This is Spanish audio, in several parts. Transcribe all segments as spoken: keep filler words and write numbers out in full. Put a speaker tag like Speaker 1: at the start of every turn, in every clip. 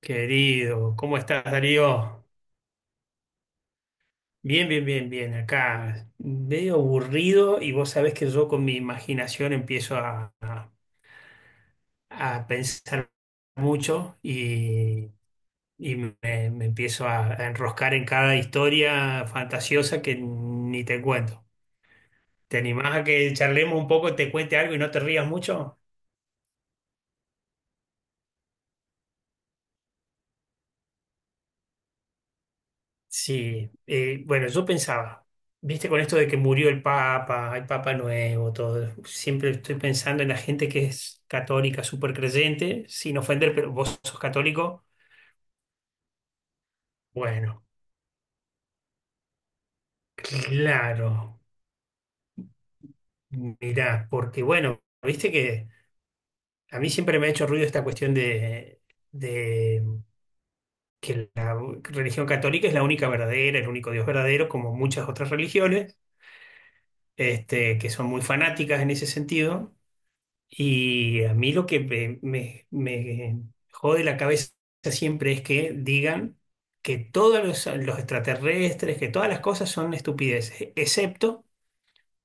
Speaker 1: Querido, ¿cómo estás, Darío? Bien, bien, bien, bien. Acá medio aburrido y vos sabés que yo con mi imaginación empiezo a, a- a pensar mucho y, y me, me empiezo a, a enroscar en cada historia fantasiosa que ni te cuento. ¿Te animás a que charlemos un poco, te cuente algo y no te rías mucho? Sí, eh, bueno, yo pensaba, viste, con esto de que murió el Papa, hay Papa nuevo, todo, siempre estoy pensando en la gente que es católica, súper creyente, sin ofender, pero vos sos católico, bueno, claro, mirá, porque bueno, viste que a mí siempre me ha hecho ruido esta cuestión de, de que la religión católica es la única verdadera, el único Dios verdadero, como muchas otras religiones, este, que son muy fanáticas en ese sentido. Y a mí lo que me, me- me jode la cabeza siempre es que digan que todos los, los extraterrestres, que todas las cosas son estupideces, excepto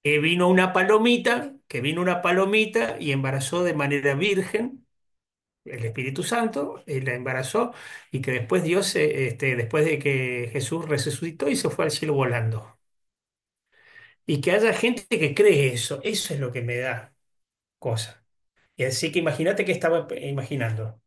Speaker 1: que vino una palomita, que vino una palomita y embarazó de manera virgen el Espíritu Santo, y la embarazó, y que después Dios, se- este, después de que Jesús resucitó y se fue al cielo volando. Y que haya gente que cree eso, eso es lo que me da cosa. Y así que imagínate que estaba eh, imaginando.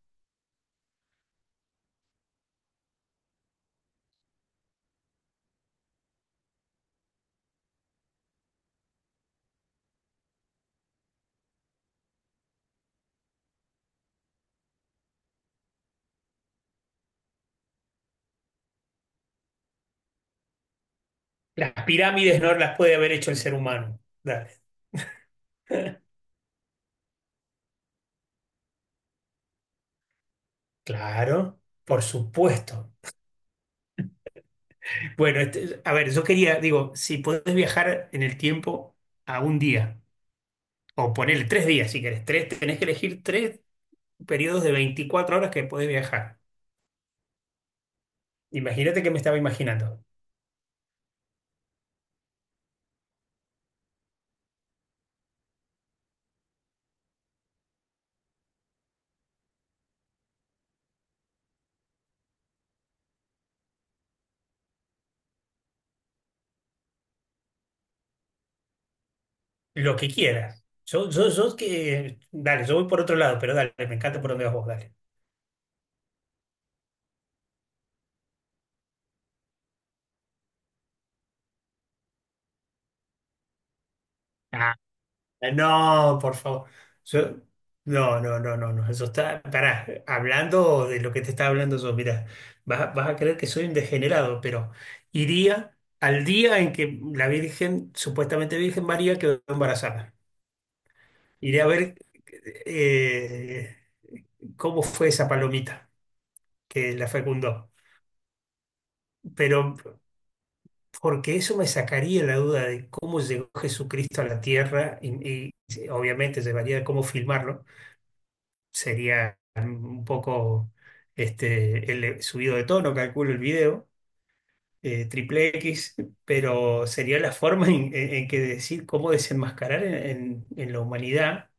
Speaker 1: Las pirámides no las puede haber hecho el ser humano. Dale. Claro, por supuesto. Bueno, este- a ver, yo quería, digo, si podés viajar en el tiempo a un día, o ponerle tres días si querés, tres, tenés que elegir tres periodos de veinticuatro horas que podés viajar. Imagínate que me estaba imaginando. Lo que quieras. Yo, yo, yo que. Dale, yo voy por otro lado, pero dale, me encanta por donde vas vos, dale. Eh, No, por favor. Yo- no, no, no, no, no. Eso está. Pará, hablando de lo que te estaba hablando yo, mira, vas, a- vas a creer que soy un degenerado, pero iría al día en que la Virgen, supuestamente Virgen María, quedó embarazada. Iré a ver eh, cómo fue esa palomita que la fecundó. Pero porque eso me sacaría la duda de cómo llegó Jesucristo a la tierra y, y obviamente llevaría a cómo filmarlo. Sería un poco este, el eh, subido de tono, calculo el video, eh, triple X, pero sería la forma en, en- en que decir cómo desenmascarar en, en- en la humanidad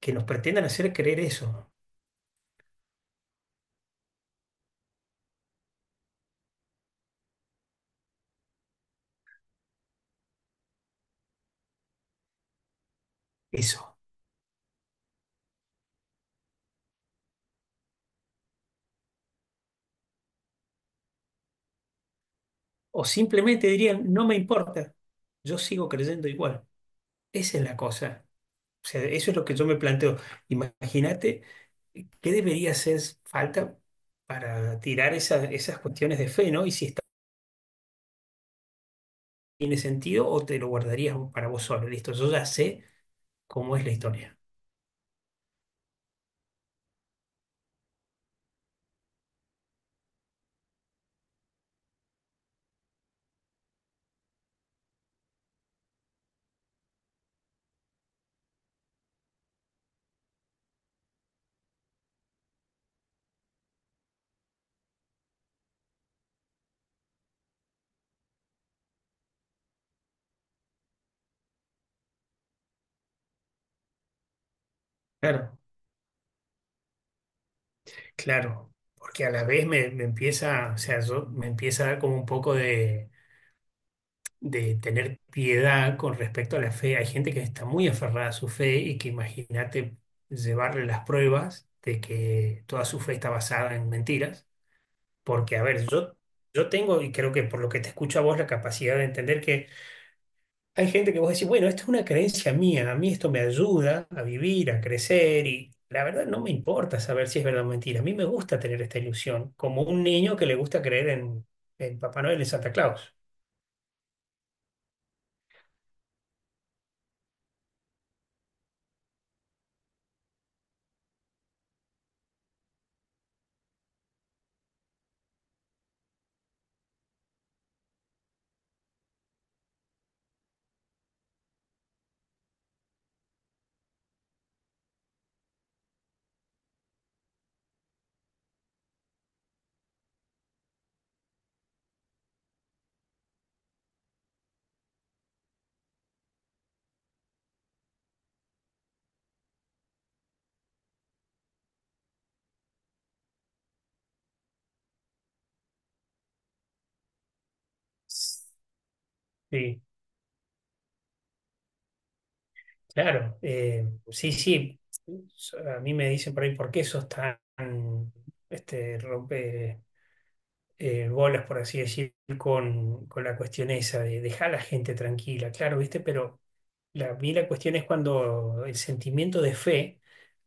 Speaker 1: que nos pretendan hacer creer eso, eso. O simplemente dirían, no me importa, yo sigo creyendo igual. Esa es la cosa. O sea, eso es lo que yo me planteo. Imagínate qué debería hacer falta para tirar esa- esas cuestiones de fe, ¿no? Y si está tiene sentido o te lo guardarías para vos solo. Listo, yo ya sé cómo es la historia. Claro, claro. Porque a la vez me, me empieza, o sea, yo, me empieza a dar como un poco de, de tener piedad con respecto a la fe. Hay gente que está muy aferrada a su fe y que imagínate llevarle las pruebas de que toda su fe está basada en mentiras. Porque, a ver, yo, yo tengo, y creo que por lo que te escucho a vos, la capacidad de entender que hay gente que vos decís, bueno, esto es una creencia mía, a mí esto me ayuda a vivir, a crecer y la verdad no me importa saber si es verdad o mentira. A mí me gusta tener esta ilusión, como un niño que le gusta creer en, en Papá Noel y Santa Claus. Sí, claro. Eh, sí, sí. So- A mí me dicen por ahí, ¿por qué sos tan este, rompe? Eh, bolas, por así decir, con, con la cuestión esa de dejar a la gente tranquila, claro, ¿viste? Pero la, a mí la cuestión es cuando el sentimiento de fe,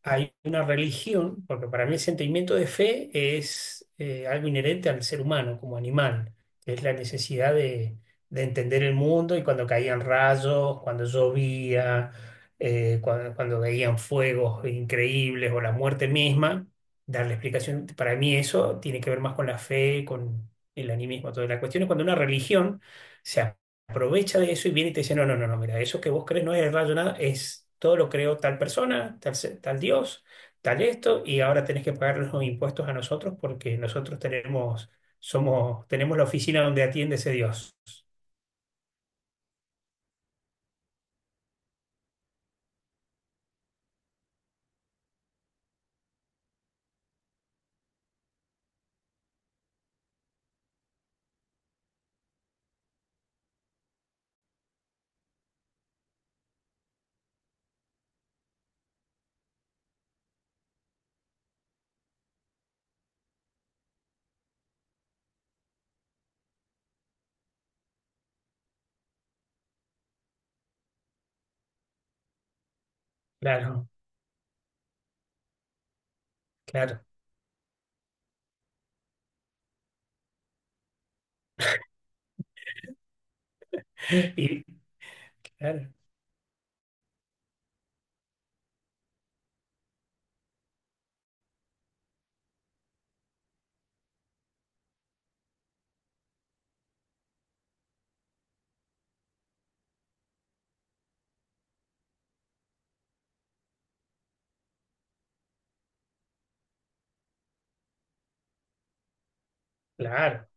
Speaker 1: hay una religión, porque para mí el sentimiento de fe es eh, algo inherente al ser humano como animal, que es la necesidad de, de entender el mundo y cuando caían rayos, cuando llovía, eh, cuando, cuando veían fuegos increíbles o la muerte misma darle explicación. Para mí eso tiene que ver más con la fe, con el animismo, toda la cuestión es cuando una religión se aprovecha de eso y viene y te dice, no, no, no, no, mira, eso que vos crees no es el rayo nada, es todo lo creó tal persona, tal, se- tal Dios, tal esto, y ahora tenés que pagar los impuestos a nosotros porque nosotros tenemos, somos, tenemos la oficina donde atiende ese Dios. Claro, claro. Y claro, claro.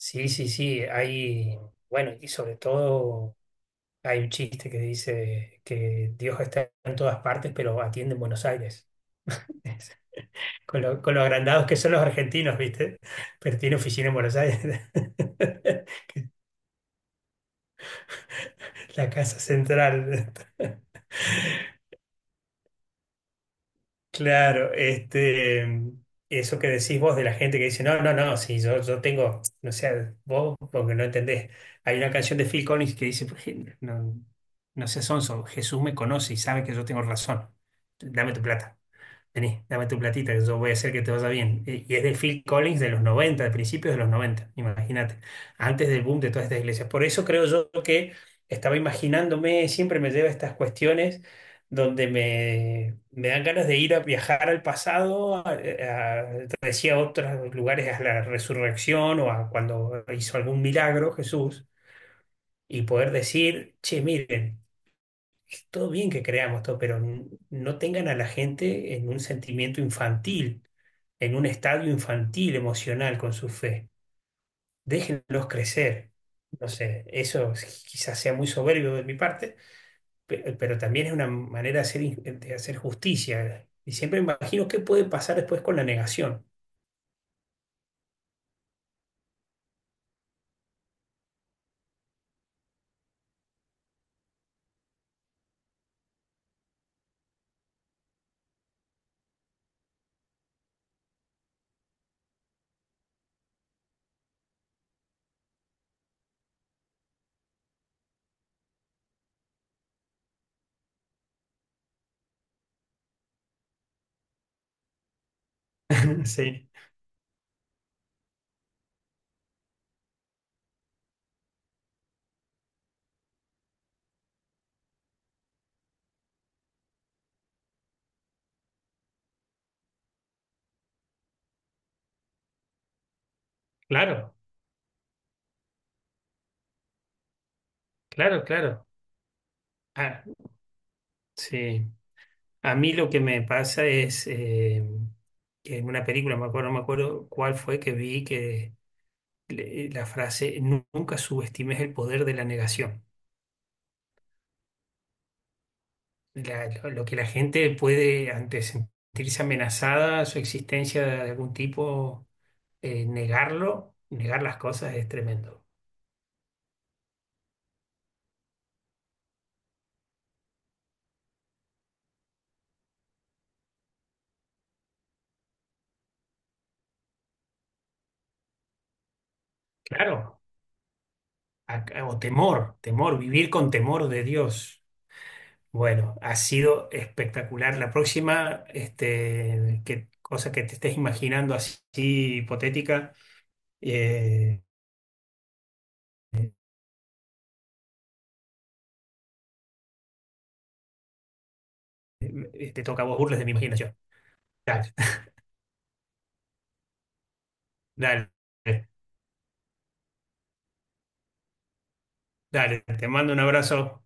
Speaker 1: Sí, sí, sí, hay, bueno, y sobre todo hay un chiste que dice que Dios está en todas partes, pero atiende en Buenos Aires. Con lo, con lo agrandados que son los argentinos, ¿viste? Pero tiene oficina en Buenos Aires. La casa central. Claro, este, eso que decís vos de la gente que dice, no, no, no, si yo, yo tengo, no sé, vos, porque no entendés. Hay una canción de Phil Collins que dice, pues no, no seas sonso, Jesús me conoce y sabe que yo tengo razón. Dame tu plata. Vení, dame tu platita, que yo voy a hacer que te vaya bien. Eh, Y es de Phil Collins de los noventa, de principios de los noventa. Imagínate, antes del boom de todas estas iglesias. Por eso creo yo que estaba imaginándome, siempre me lleva a estas cuestiones donde me, me dan ganas de ir a viajar al pasado, a, a- te decía, a otros lugares, a la resurrección o a cuando hizo algún milagro Jesús, y poder decir, che, miren, todo bien que creamos todo, pero n- no tengan a la gente en un sentimiento infantil, en un estadio infantil emocional con su fe. Déjenlos crecer. No sé, eso s- quizás sea muy soberbio de mi parte, pe- pero también es una manera de hacer, in- de hacer justicia. Y siempre me imagino qué puede pasar después con la negación. Sí, claro, claro, claro. Ah, sí. A mí lo que me pasa es eh, que en una película, me acuerdo, no me acuerdo cuál fue que vi que le- la frase, "Nu- nunca subestimes el poder de la negación. La- lo, lo que la gente puede, ante sentirse amenazada, su existencia de algún tipo, eh, negarlo, negar las cosas es tremendo. Claro, acá- o temor, temor, vivir con temor de Dios. Bueno, ha sido espectacular. La próxima, este, que, cosa que te estés imaginando así, hipotética, eh, te toca a vos burles de mi imaginación. Dale, dale. Dale, te mando un abrazo.